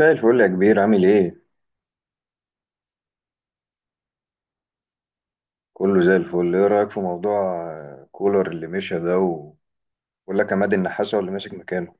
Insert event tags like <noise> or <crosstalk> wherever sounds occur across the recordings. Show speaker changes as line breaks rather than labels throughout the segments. زي الفل يا كبير، عامل ايه؟ كله زي الفل. ايه رأيك في موضوع كولر اللي مشى ده ولا كان عماد النحاس هو اللي ماسك مكانه؟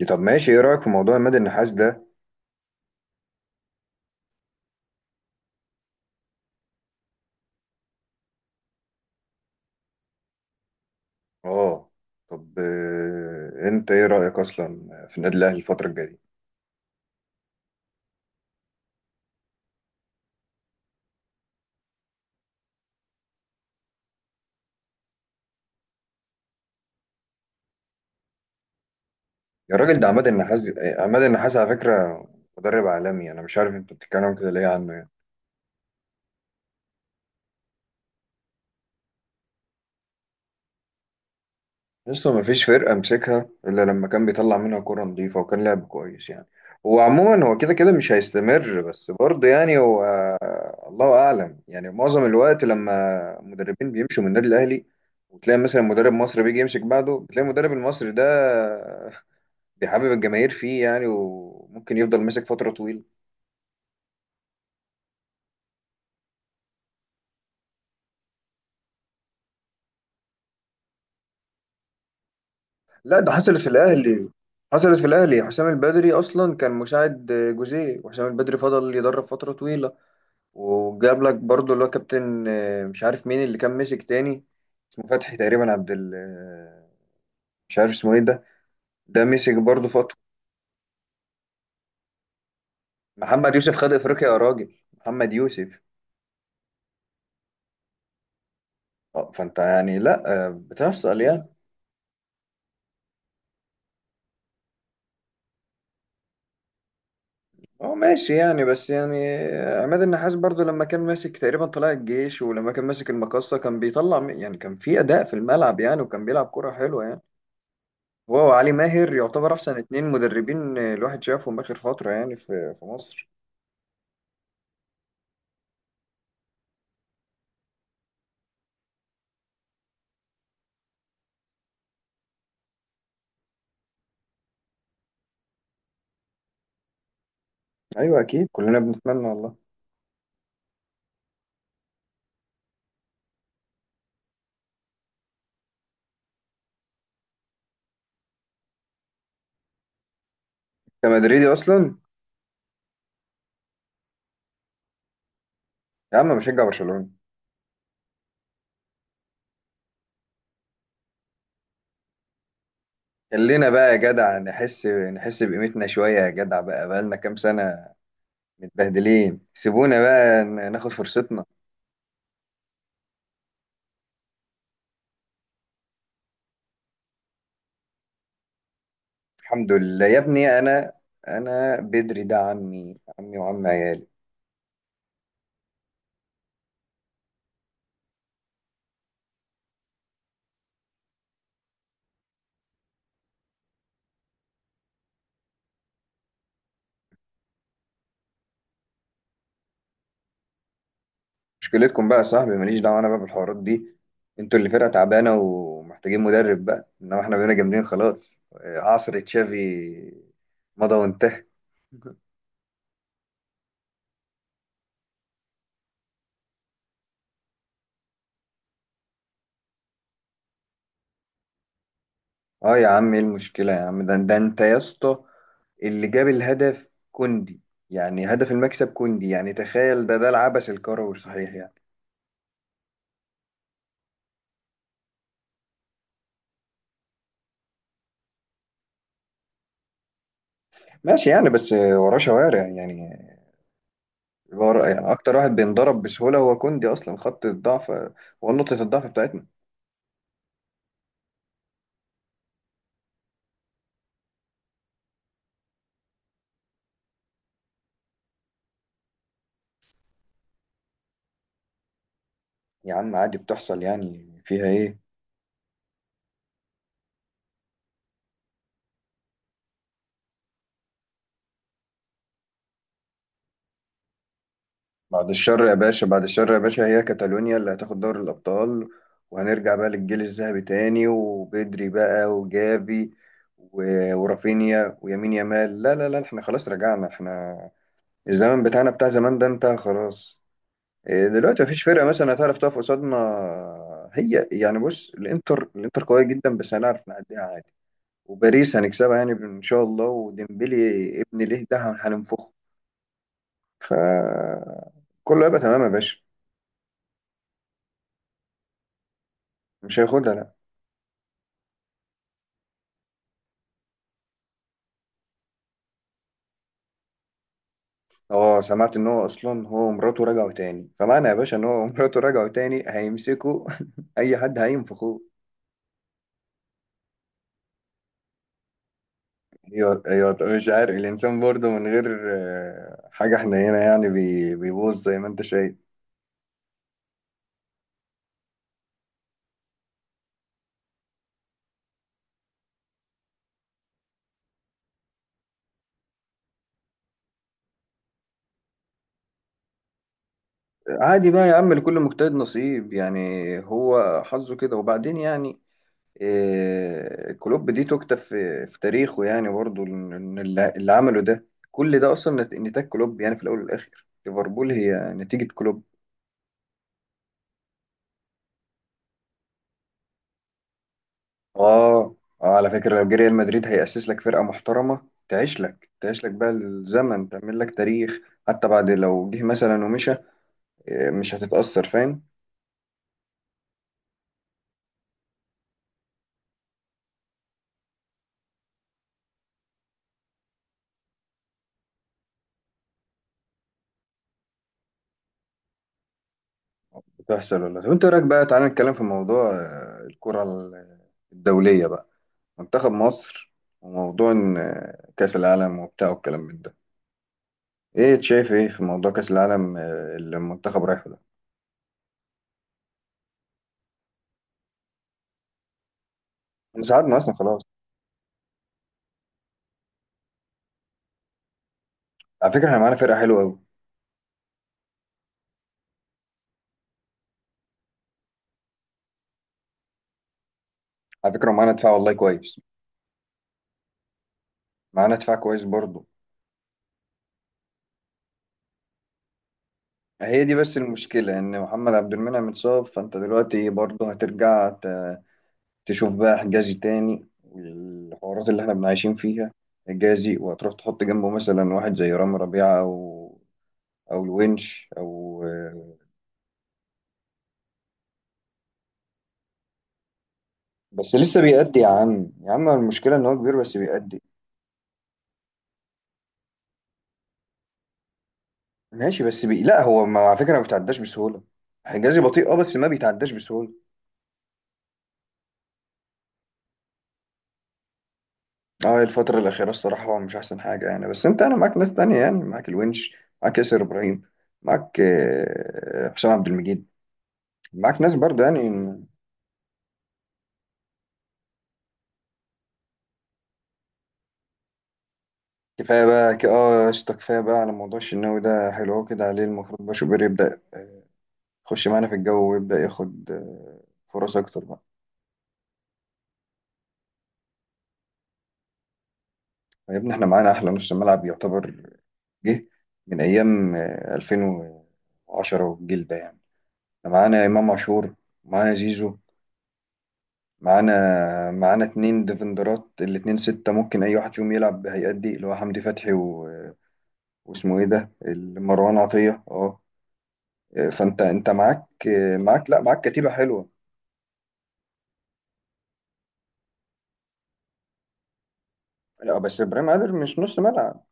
دي طب ماشي. ايه رأيك في موضوع عماد النحاس ده؟ اه. طب انت ايه رأيك اصلا في النادي الاهلي الفترة الجاية؟ يا راجل، ده عماد النحاس، عماد النحاس على فكرة مدرب عالمي، انا مش عارف انت بتتكلم كده ليه عنه. لسه ما فيش فرقة مسكها إلا لما كان بيطلع منها كرة نظيفة وكان لعب كويس يعني. هو عموما هو كده كده مش هيستمر، بس برضه يعني هو الله أعلم. يعني معظم الوقت لما مدربين بيمشوا من النادي الأهلي وتلاقي مثلا مدرب مصري بيجي يمسك بعده، بتلاقي المدرب المصري ده بيحبب الجماهير فيه يعني، وممكن يفضل ماسك فترة طويلة. لا ده حصلت في الأهلي، حصلت في الأهلي. حسام البدري أصلا كان مساعد جوزيه، وحسام البدري فضل يدرب فترة طويلة. وجاب لك برضو اللي هو كابتن، مش عارف مين اللي كان مسك تاني. اسمه فتحي تقريبا، عبد ال آه، مش عارف اسمه ايه ده. ده مسك برضو فتره. محمد يوسف خد افريقيا، يا راجل، محمد يوسف. اه فانت يعني لا، بتحصل يعني. اه ماشي يعني، بس يعني عماد النحاس برضو لما كان ماسك تقريبا طلائع الجيش، ولما كان ماسك المقصة كان يعني كان في أداء في الملعب يعني، وكان بيلعب كرة حلوة يعني. هو وعلي ماهر يعتبر أحسن اتنين مدربين، الواحد شافهم آخر فترة يعني في مصر. ايوه اكيد كلنا بنتمنى والله. كمدريدي اصلا. يا عم بشجع برشلونه. خلينا بقى يا جدع نحس بقيمتنا شويه يا جدع، بقى بقالنا كام سنه متبهدلين. سيبونا بقى ناخد فرصتنا. الحمد لله يا ابني. انا بدري، ده عمي عمي وعم عيالي. مشكلتكم بقى يا صاحبي، ماليش دعوه انا بقى بالحوارات دي. انتوا اللي فرقه تعبانه ومحتاجين مدرب بقى، انما احنا بقينا جامدين. خلاص، عصر تشافي مضى وانتهى. <laughs> اه يا عم ايه المشكلة يا عم، ده انت يا اسطى اللي جاب الهدف كوندي. يعني هدف المكسب كوندي، يعني تخيل. ده العبث الكروي صحيح يعني. ماشي يعني، بس وراه شوارع يعني. ورا يعني اكتر واحد بينضرب بسهولة هو كوندي، اصلا خط الضعف، هو نقطة الضعف بتاعتنا. يا عم عادي بتحصل يعني، فيها ايه. بعد الشر يا باشا، بعد الشر يا باشا. هي كاتالونيا اللي هتاخد دوري الأبطال، وهنرجع بقى للجيل الذهبي تاني. وبدري بقى وجافي ورافينيا ويمين يامال. لا لا لا، احنا خلاص رجعنا. احنا الزمن بتاعنا بتاع زمان ده انتهى خلاص. دلوقتي مفيش فرقة مثلا هتعرف تقف قصادنا. هي يعني بص، الانتر قوية جدا بس هنعرف نعديها عادي. وباريس هنكسبها يعني ان شاء الله. وديمبلي ابن ليه ده هننفخه. ف كله هيبقى تمام يا باشا. مش هياخدها لا. اه سمعت ان هو اصلا هو ومراته رجعوا تاني، فمعنى يا باشا ان هو ومراته رجعوا تاني هيمسكوا. <laughs> اي حد هينفخوه. ايوه ايوه، طب مش عارف الانسان برضه من غير حاجه، احنا هنا يعني بيبوظ زي ما انت شايف. عادي بقى يا عم، لكل مجتهد نصيب يعني. هو حظه كده وبعدين يعني. كلوب دي تكتب في تاريخه يعني، برضه إن اللي عمله ده كل ده اصلا نتاج كلوب. يعني في الاول والاخر ليفربول هي نتيجه كلوب. اه. اه على فكرة لو جه ريال مدريد هيأسس لك فرقة محترمة، تعيش لك تعيش لك بقى الزمن، تعمل لك تاريخ. حتى بعد لو جه مثلا ومشى مش هتتأثر، فاهم. بتحصل ولا. طب انت رأيك، بقى تعالى نتكلم في موضوع الكرة الدولية بقى. منتخب مصر. وموضوع إن، آه، كأس العالم وبتاع، والكلام من ده. ايه شايف ايه في موضوع كأس العالم اللي المنتخب رايحه ده. احنا ساعدنا اصلا خلاص. على فكرة احنا معانا فرقة حلوة قوي. على فكرة معانا دفاع والله كويس. معانا دفاع كويس برضه. هي دي بس المشكلة إن محمد عبد المنعم اتصاب، فأنت دلوقتي برضه هترجع تشوف بقى حجازي تاني والحوارات اللي إحنا بنعيشين فيها. حجازي، وهتروح تحط جنبه مثلا واحد زي رامي ربيعة أو أو الونش أو. بس لسه بيأدي يا عم، يا عم المشكلة إن هو كبير بس بيأدي. ماشي بس لا هو ما، على فكرة ما بيتعداش بسهولة. حجازي بطيء أه بس ما بيتعداش بسهولة. اه الفترة الأخيرة الصراحة هو مش أحسن حاجة يعني، بس أنت أنا معاك ناس تانية يعني، معاك الونش، معاك ياسر إبراهيم، معاك حسام عبد المجيد، معاك ناس برضه يعني. كفاية بقى اه يا اسطى كفاية بقى على موضوع الشناوي ده. حلو أوي كده عليه. المفروض بقى شوبير يبدأ يخش معانا في الجو ويبدأ ياخد فرص أكتر بقى. يا ابني احنا معانا أحلى نص ملعب يعتبر. جه من أيام 2010 والجيل ده يعني. احنا معانا إمام عاشور، معانا زيزو، معانا اتنين ديفندرات. الاتنين ستة ممكن أي واحد فيهم يلعب بهيئات دي، اللي هو حمدي فتحي و... واسمه إيه ده، مروان عطية أه. فأنت معاك لا، معاك كتيبة حلوة. لا بس إبراهيم عادل مش نص ملعب.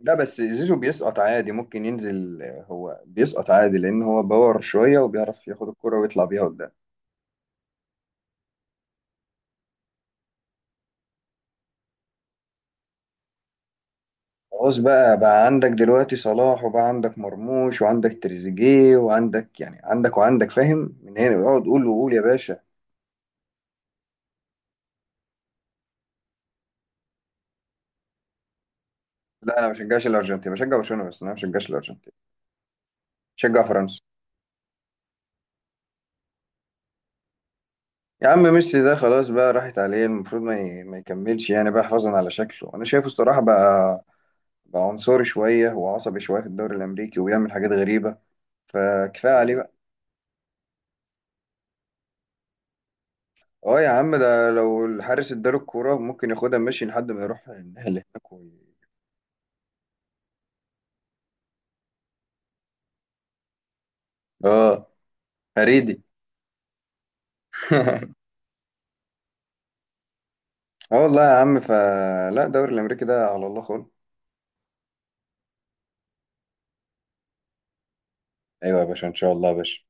لا بس زيزو بيسقط عادي، ممكن ينزل. هو بيسقط عادي لأن هو باور شوية، وبيعرف ياخد الكرة ويطلع بيها قدام. خلاص، بقى عندك دلوقتي صلاح، وبقى عندك مرموش، وعندك تريزيجيه، وعندك يعني عندك وعندك، فاهم. من هنا اقعد قول وقول يا باشا. لا انا ما بشجعش الارجنتين، بشجع برشلونه بس. انا ما بشجعش الارجنتين، بشجع فرنسا. يا عم ميسي ده خلاص بقى، راحت عليه. المفروض ما يكملش يعني بقى، حفاظا على شكله انا شايفه الصراحه. بقى عنصري شويه وعصبي شويه في الدوري الامريكي، وبيعمل حاجات غريبه. فكفايه عليه بقى. اه يا عم، ده لو الحارس اداله الكوره ممكن ياخدها ماشي لحد ما يروح النهائي اللي هناك اه. هريدي. <laughs> اه والله يا عم، فلا الدوري الامريكي ده على الله خالص. ايوه يا باشا ان شاء الله يا باشا.